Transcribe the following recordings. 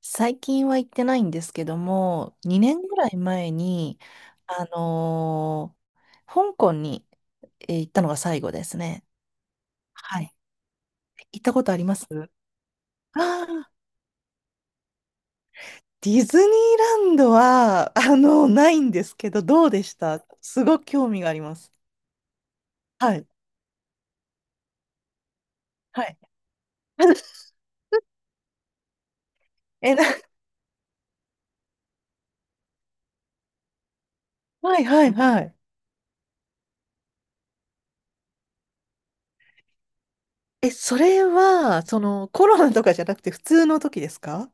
最近は行ってないんですけども、2年ぐらい前に、あのー香港に、行ったのが最後ですね。はい。行ったことありますー ディズニーランドは、ないんですけど、どうでした？すごく興味があります。はい。はい。え、な、はいはいはい。え、それは、その、コロナとかじゃなくて普通の時ですか？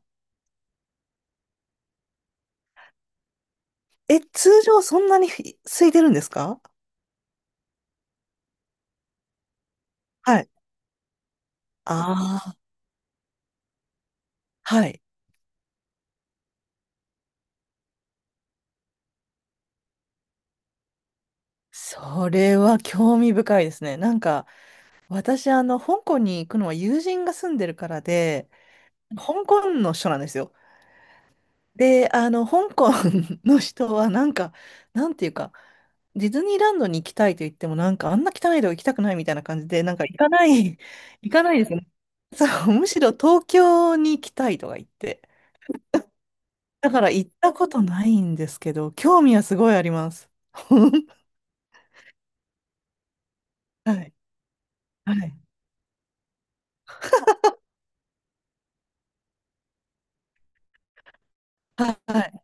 え、通常そんなに空いてるんですか？はい。あ、はい。それは興味深いですね。なんか、私、香港に行くのは友人が住んでるからで、香港の人なんですよ。で、香港 の人は、なんか、なんていうか、ディズニーランドに行きたいと言っても、なんか、あんな汚いとこ行きたくないみたいな感じで、なんか、行かない、行かないですね。そう、むしろ東京に行きたいとか言って。だから、行ったことないんですけど、興味はすごいあります。はい。はい。はい。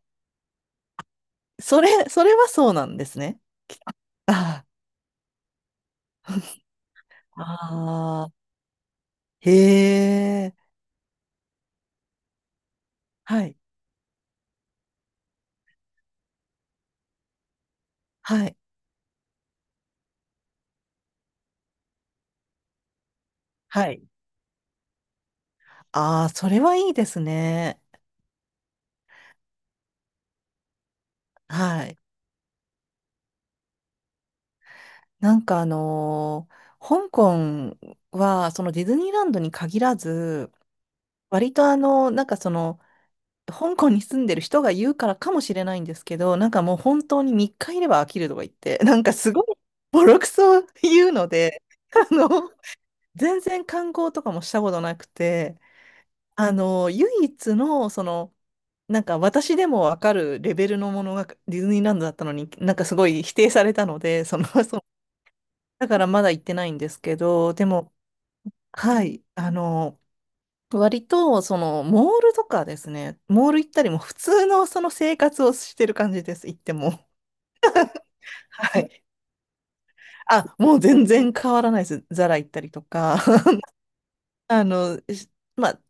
それはそうなんですね。ああ、ああ、へえ、はい、はい、はい。ああ、それはいいですね。はい。なんか香港は、そのディズニーランドに限らず、割となんかその、香港に住んでる人が言うからかもしれないんですけど、なんかもう本当に3日いれば飽きるとか言って、なんかすごいボロクソ言うので、あの、全然観光とかもしたことなくて、唯一の、その、なんか私でもわかるレベルのものがディズニーランドだったのに、なんかすごい否定されたので、その、そう、だからまだ行ってないんですけど、でも、はい、割と、その、モールとかですね、モール行ったりも普通のその生活をしてる感じです、行っても。はい。あ、もう全然変わらないです。ザラ行ったりとか、あの、しまあ、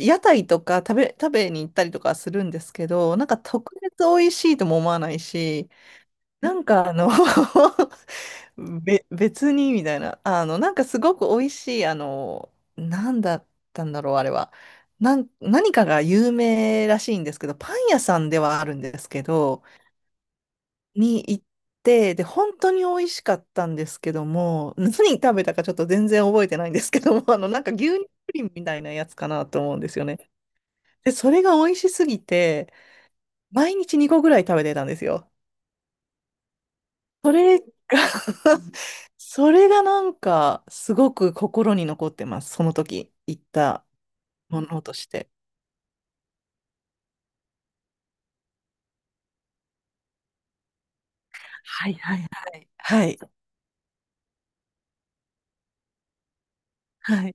屋台とか食べに行ったりとかはするんですけど、なんか特別美味しいとも思わないし、なんか別にみたいな、なんかすごく美味しい、なんだったんだろう、あれは。何かが有名らしいんですけど、パン屋さんではあるんですけど、に行って、で、本当に美味しかったんですけども、何食べたかちょっと全然覚えてないんですけども、なんか牛乳プリンみたいなやつかなと思うんですよね。で、それが美味しすぎて、毎日2個ぐらい食べてたんですよ。それが それがなんか、すごく心に残ってます。その時、行ったものとして。はいはいはい。はい。はい。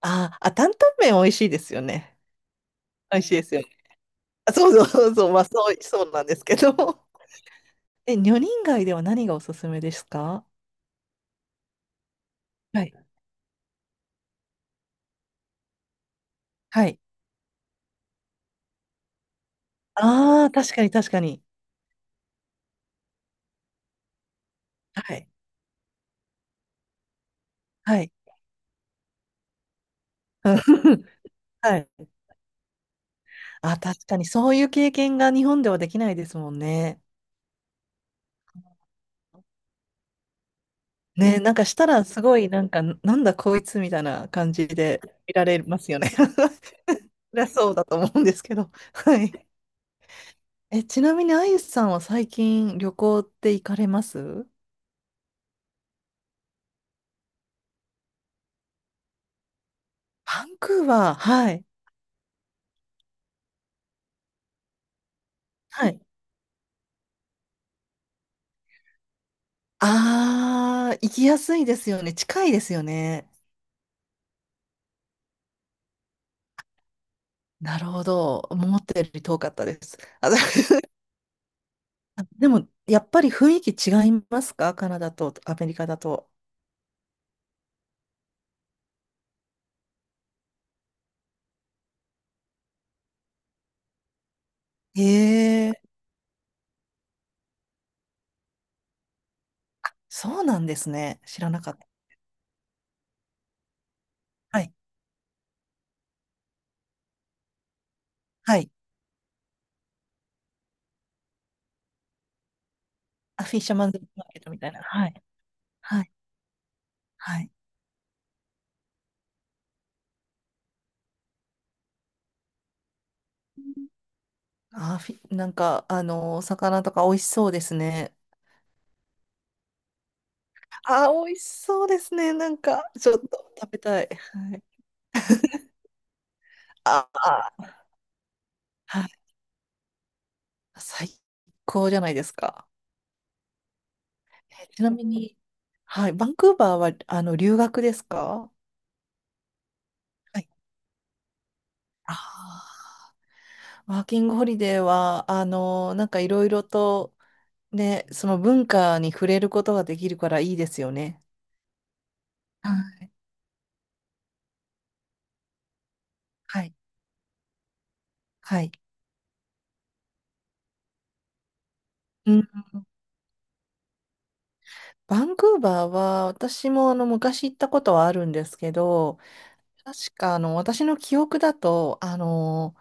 あー、あ、担々麺美味しいですよね。美味しいですよね。あそうそうそうそう、まあそう、そうなんですけど。え、女人街では何がおすすめですか？はい。はい。ああー、確かに確かに。はい。はい。はい。あ、確かにそういう経験が日本ではできないですもんね。ね、なんかしたらすごいなんか、なんだこいつみたいな感じで見られますよね。そりゃそうだと思うんですけど。はい。え、ちなみにあゆさんは最近旅行って行かれます？バンクーバー、はい。はい。ああ、行きやすいですよね。近いですよね。なるほど。思ったより遠かったです。あ、だ でも、やっぱり雰囲気違いますか？カナダとアメリカだと。へえ、そうなんですね。知らなかった。はい。はい。あ、フィッシャーマンズマーケットみたいな。はい。はい。はい。なんか、お魚とか美味しそうですね。あ、美味しそうですね。なんか、ちょっと食べたい。はい。ああ、はい、最高じゃないですか。えちなみに、はい、バンクーバーはあの留学ですか？はい。ああ、ワーキングホリデーは、なんかいろいろとね、その文化に触れることができるからいいですよね。はい。はい。はい。うん。バンクーバーは、私もあの昔行ったことはあるんですけど、確かあの私の記憶だと、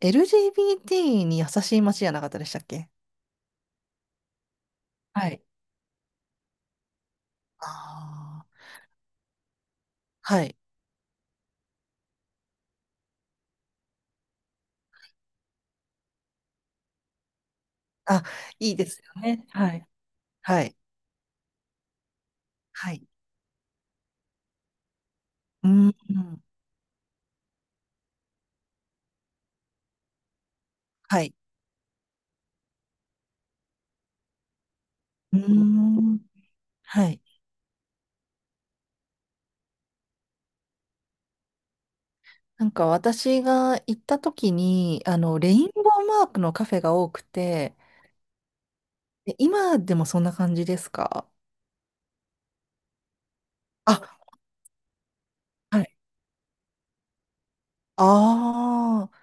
LGBT に優しい街じゃなかったでしたっけ？はい。ああ、はい。あ、いいですよね。はい。はい。はい。うーん。はい。うーん。はい。なんか私が行った時に、レインボーマークのカフェが多くて、え今でもそんな感じですか？あ、はい。あー、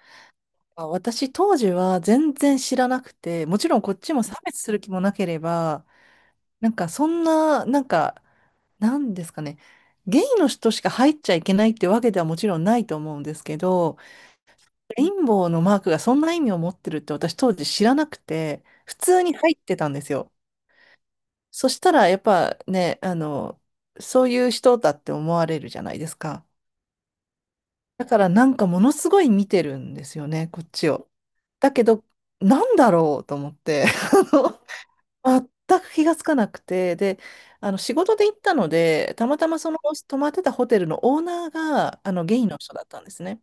あ。私当時は全然知らなくて、もちろんこっちも差別する気もなければ、なんかそんな、なんかなんですかね。ゲイの人しか入っちゃいけないってわけではもちろんないと思うんですけど、レインボーのマークがそんな意味を持ってるって私当時知らなくて、普通に入ってたんですよ。そしたらやっぱね、そういう人だって思われるじゃないですか。だからなんかものすごい見てるんですよね、こっちを。だけど、なんだろうと思って。全く気がつかなくて、で、あの仕事で行ったので、たまたまその泊まってたホテルのオーナーがあのゲイの人だったんですね。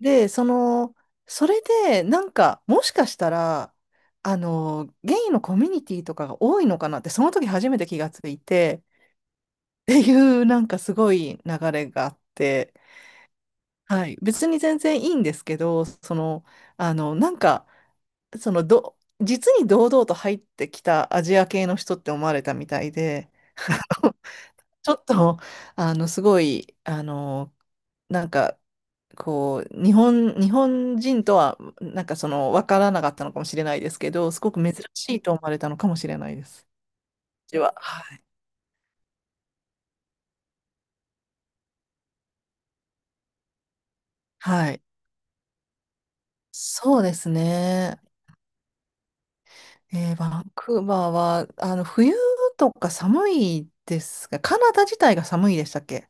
で、その、それで、なんか、もしかしたら、ゲイのコミュニティとかが多いのかなって、その時初めて気がついて、っていう、なんかすごい流れがあって、はい、別に全然いいんですけど、その、なんか、そのど、実に堂々と入ってきたアジア系の人って思われたみたいで、ちょっと、すごい、なんか、こう、日本人とは、なんかその、わからなかったのかもしれないですけど、すごく珍しいと思われたのかもしれないです。私は。はい。はい。そうですね。えーバンクーバーは、冬とか寒いですが、カナダ自体が寒いでしたっけ？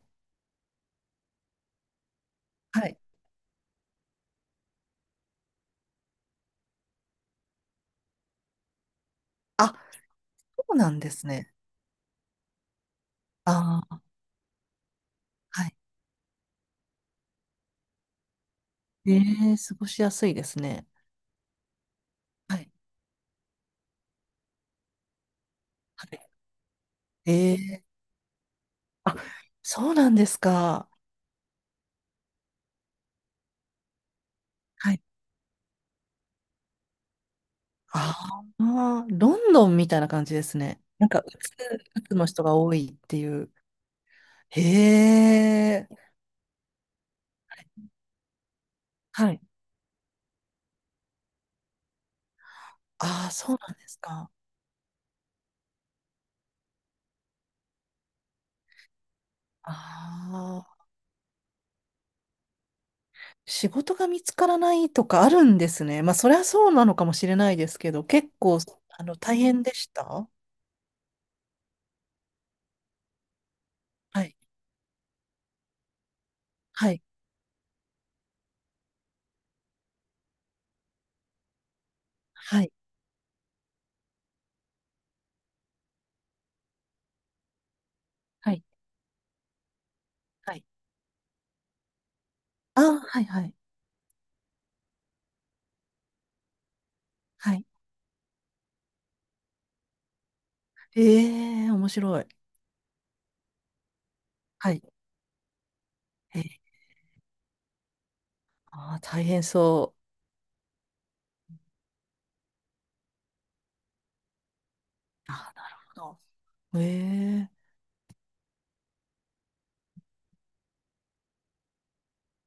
はい。あ、そうなんですね。あ、はい。ええ、過ごしやすいですね。はい。はい。ええ、あ、そうなんですか。はい。ああ、ロンドンみたいな感じですね。なんか、うつの人が多いっていう。へえ。はい。ああ、そうなんですか。ああ、仕事が見つからないとかあるんですね。まあ、そりゃそうなのかもしれないですけど、結構、大変でした？はい。はい。はい。はい。はい。ああ、はい、はい。はい、ええ面白い。はい。えー、ああ、大変そう。ああ、なるほど。ええ